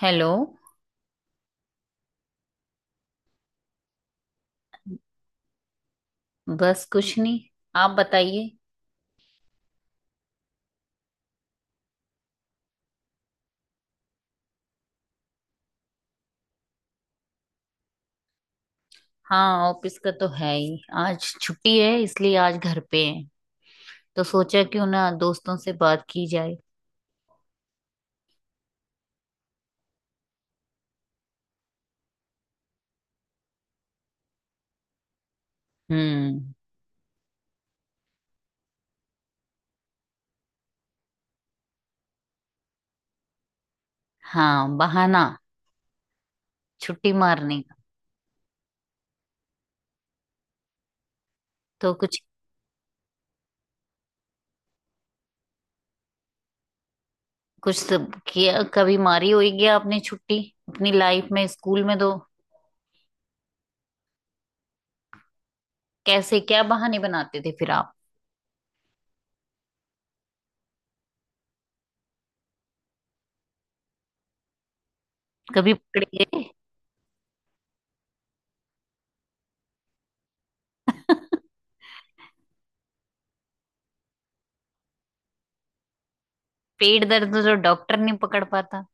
Hello. बस कुछ नहीं, आप बताइए। हाँ, ऑफिस का तो है ही, आज छुट्टी है इसलिए आज घर पे हैं। तो सोचा क्यों ना दोस्तों से बात की जाए। हम्म। हाँ, बहाना छुट्टी मारने का। तो कुछ कुछ सब किया, कभी मारी होगी आपने छुट्टी अपनी लाइफ में स्कूल में तो? कैसे, क्या बहाने बनाते थे फिर आप? कभी पकड़े गए? पेट दर्द तो डॉक्टर नहीं पकड़ पाता।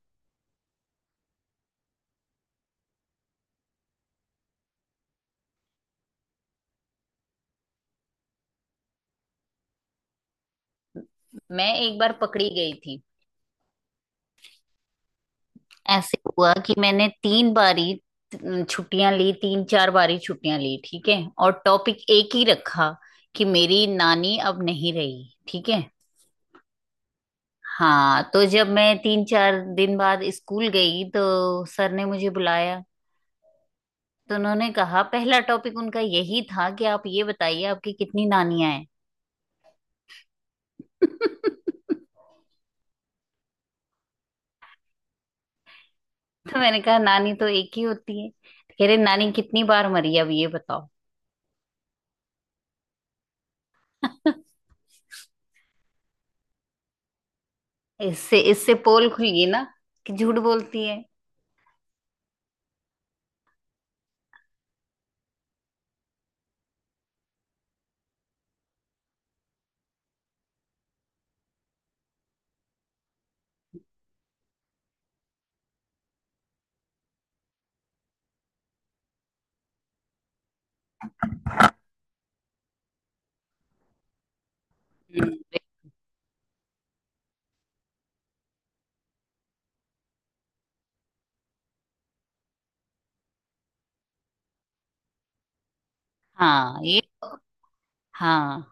मैं एक बार पकड़ी गई थी। ऐसे हुआ कि मैंने तीन बारी छुट्टियां ली, तीन चार बारी छुट्टियां ली, ठीक है। और टॉपिक एक ही रखा कि मेरी नानी अब नहीं रही, ठीक है। हाँ, तो जब मैं तीन चार दिन बाद स्कूल गई तो सर ने मुझे बुलाया। तो उन्होंने कहा, पहला टॉपिक उनका यही था कि आप ये बताइए आपकी कितनी नानियां हैं। तो मैंने कहा नानी तो एक ही होती है। कह रहे, नानी कितनी बार मरी अब ये बताओ। इससे इससे पोल खुल गई ना कि झूठ बोलती है। हम्म। हाँ ये तो, हाँ।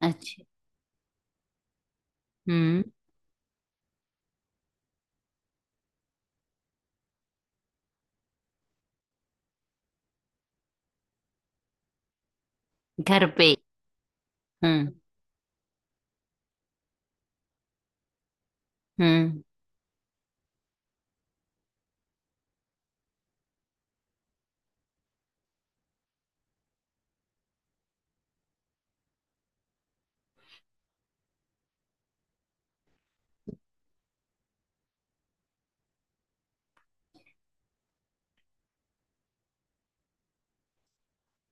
अच्छा। हम्म। घर पे। हम्म। हम्म।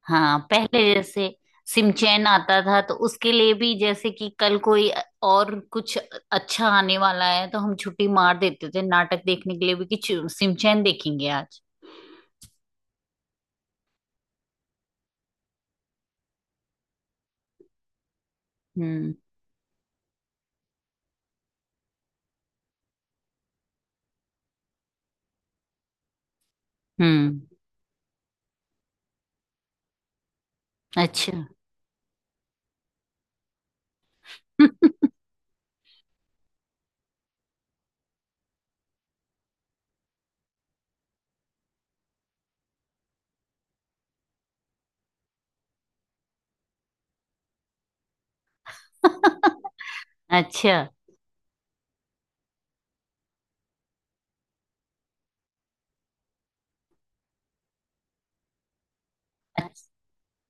हाँ, पहले जैसे सिमचैन आता था तो उसके लिए भी, जैसे कि कल कोई और कुछ अच्छा आने वाला है तो हम छुट्टी मार देते थे, नाटक देखने के लिए भी कि सिमचैन देखेंगे आज। हम्म। हम्म। अच्छा। अच्छा।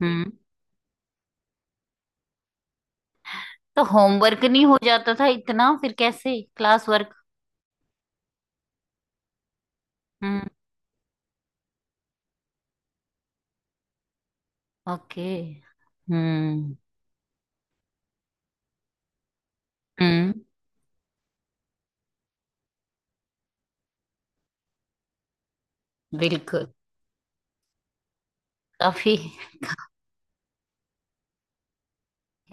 हम्म। तो होमवर्क नहीं हो जाता था इतना, फिर कैसे क्लास वर्क? हम्म। ओके। हम्म। हम्म। बिल्कुल। काफी।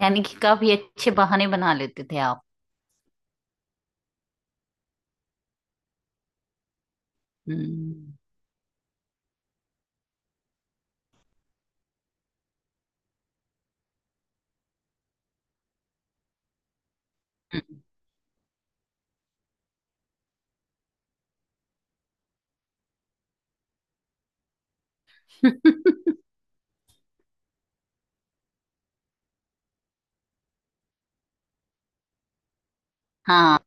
यानी कि काफी अच्छे बहाने बना लेते थे आप। हम्म। हम्म। हाँ।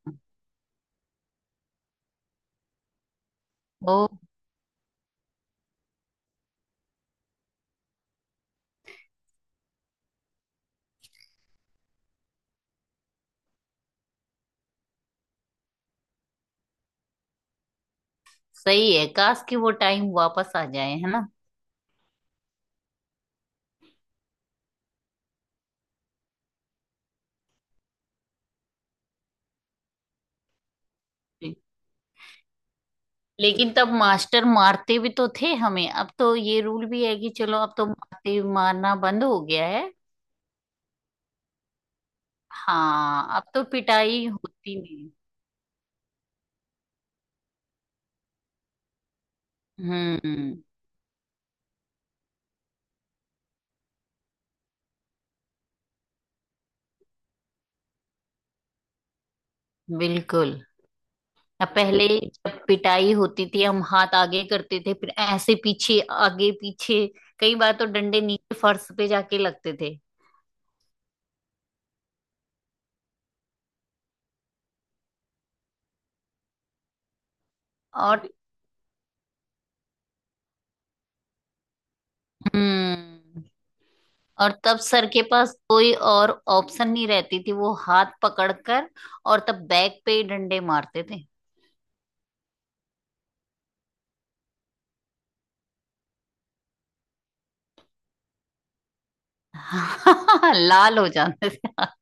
वो सही है, काश कि वो टाइम वापस आ जाए, है ना। लेकिन तब मास्टर मारते भी तो थे हमें, अब तो ये रूल भी है कि चलो अब तो मारते मारना बंद हो गया है। हाँ अब तो पिटाई होती नहीं। हम्म। बिल्कुल। अब पहले जब पिटाई होती थी, हम हाथ आगे करते थे फिर ऐसे पीछे, आगे पीछे। कई बार तो डंडे नीचे फर्श पे जाके लगते थे। और, हम्म, और तब सर के पास कोई और ऑप्शन नहीं रहती थी, वो हाथ पकड़कर। और तब बैक पे ही डंडे मारते थे। लाल हो जाते थे हाथ।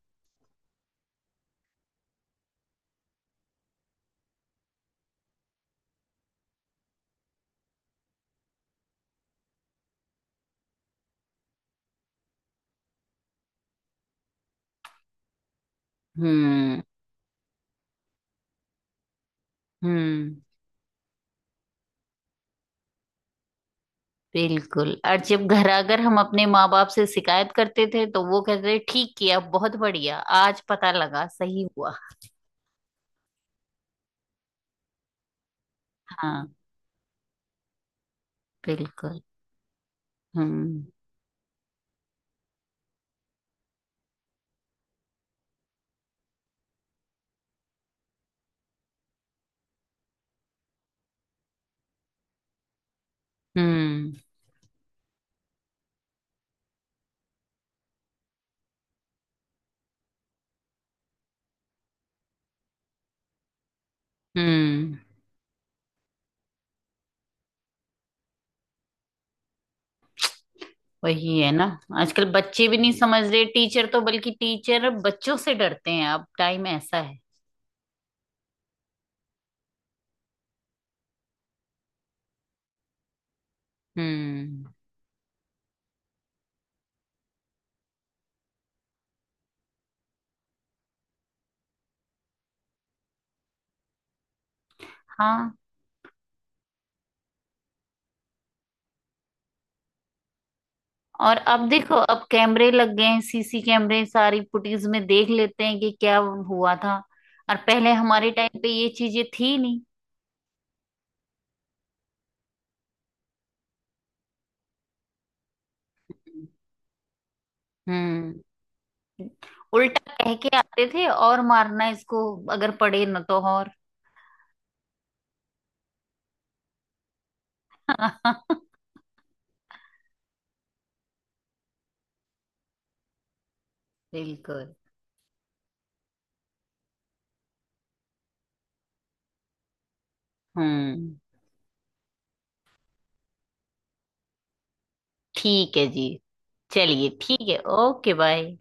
हम्म। हम्म। बिल्कुल। और जब घर आकर हम अपने माँ बाप से शिकायत करते थे तो वो कहते थे, ठीक किया, बहुत बढ़िया, आज पता लगा, सही हुआ। हाँ। बिल्कुल। हम्म। हम्म। हम्म। वही है ना। आजकल बच्चे भी नहीं समझ रहे टीचर तो बल्कि टीचर बच्चों से डरते हैं, अब टाइम ऐसा है। हम्म। हाँ और अब देखो, अब कैमरे लग गए हैं, सीसी कैमरे। सारी फुटेज में देख लेते हैं कि क्या हुआ था। और पहले हमारे टाइम पे ये चीजें थी नहीं। हम्म। उल्टा कह के आते थे, और मारना इसको अगर पड़े ना तो और। बिल्कुल। हम्म। ठीक है जी, चलिए ठीक है, ओके बाय।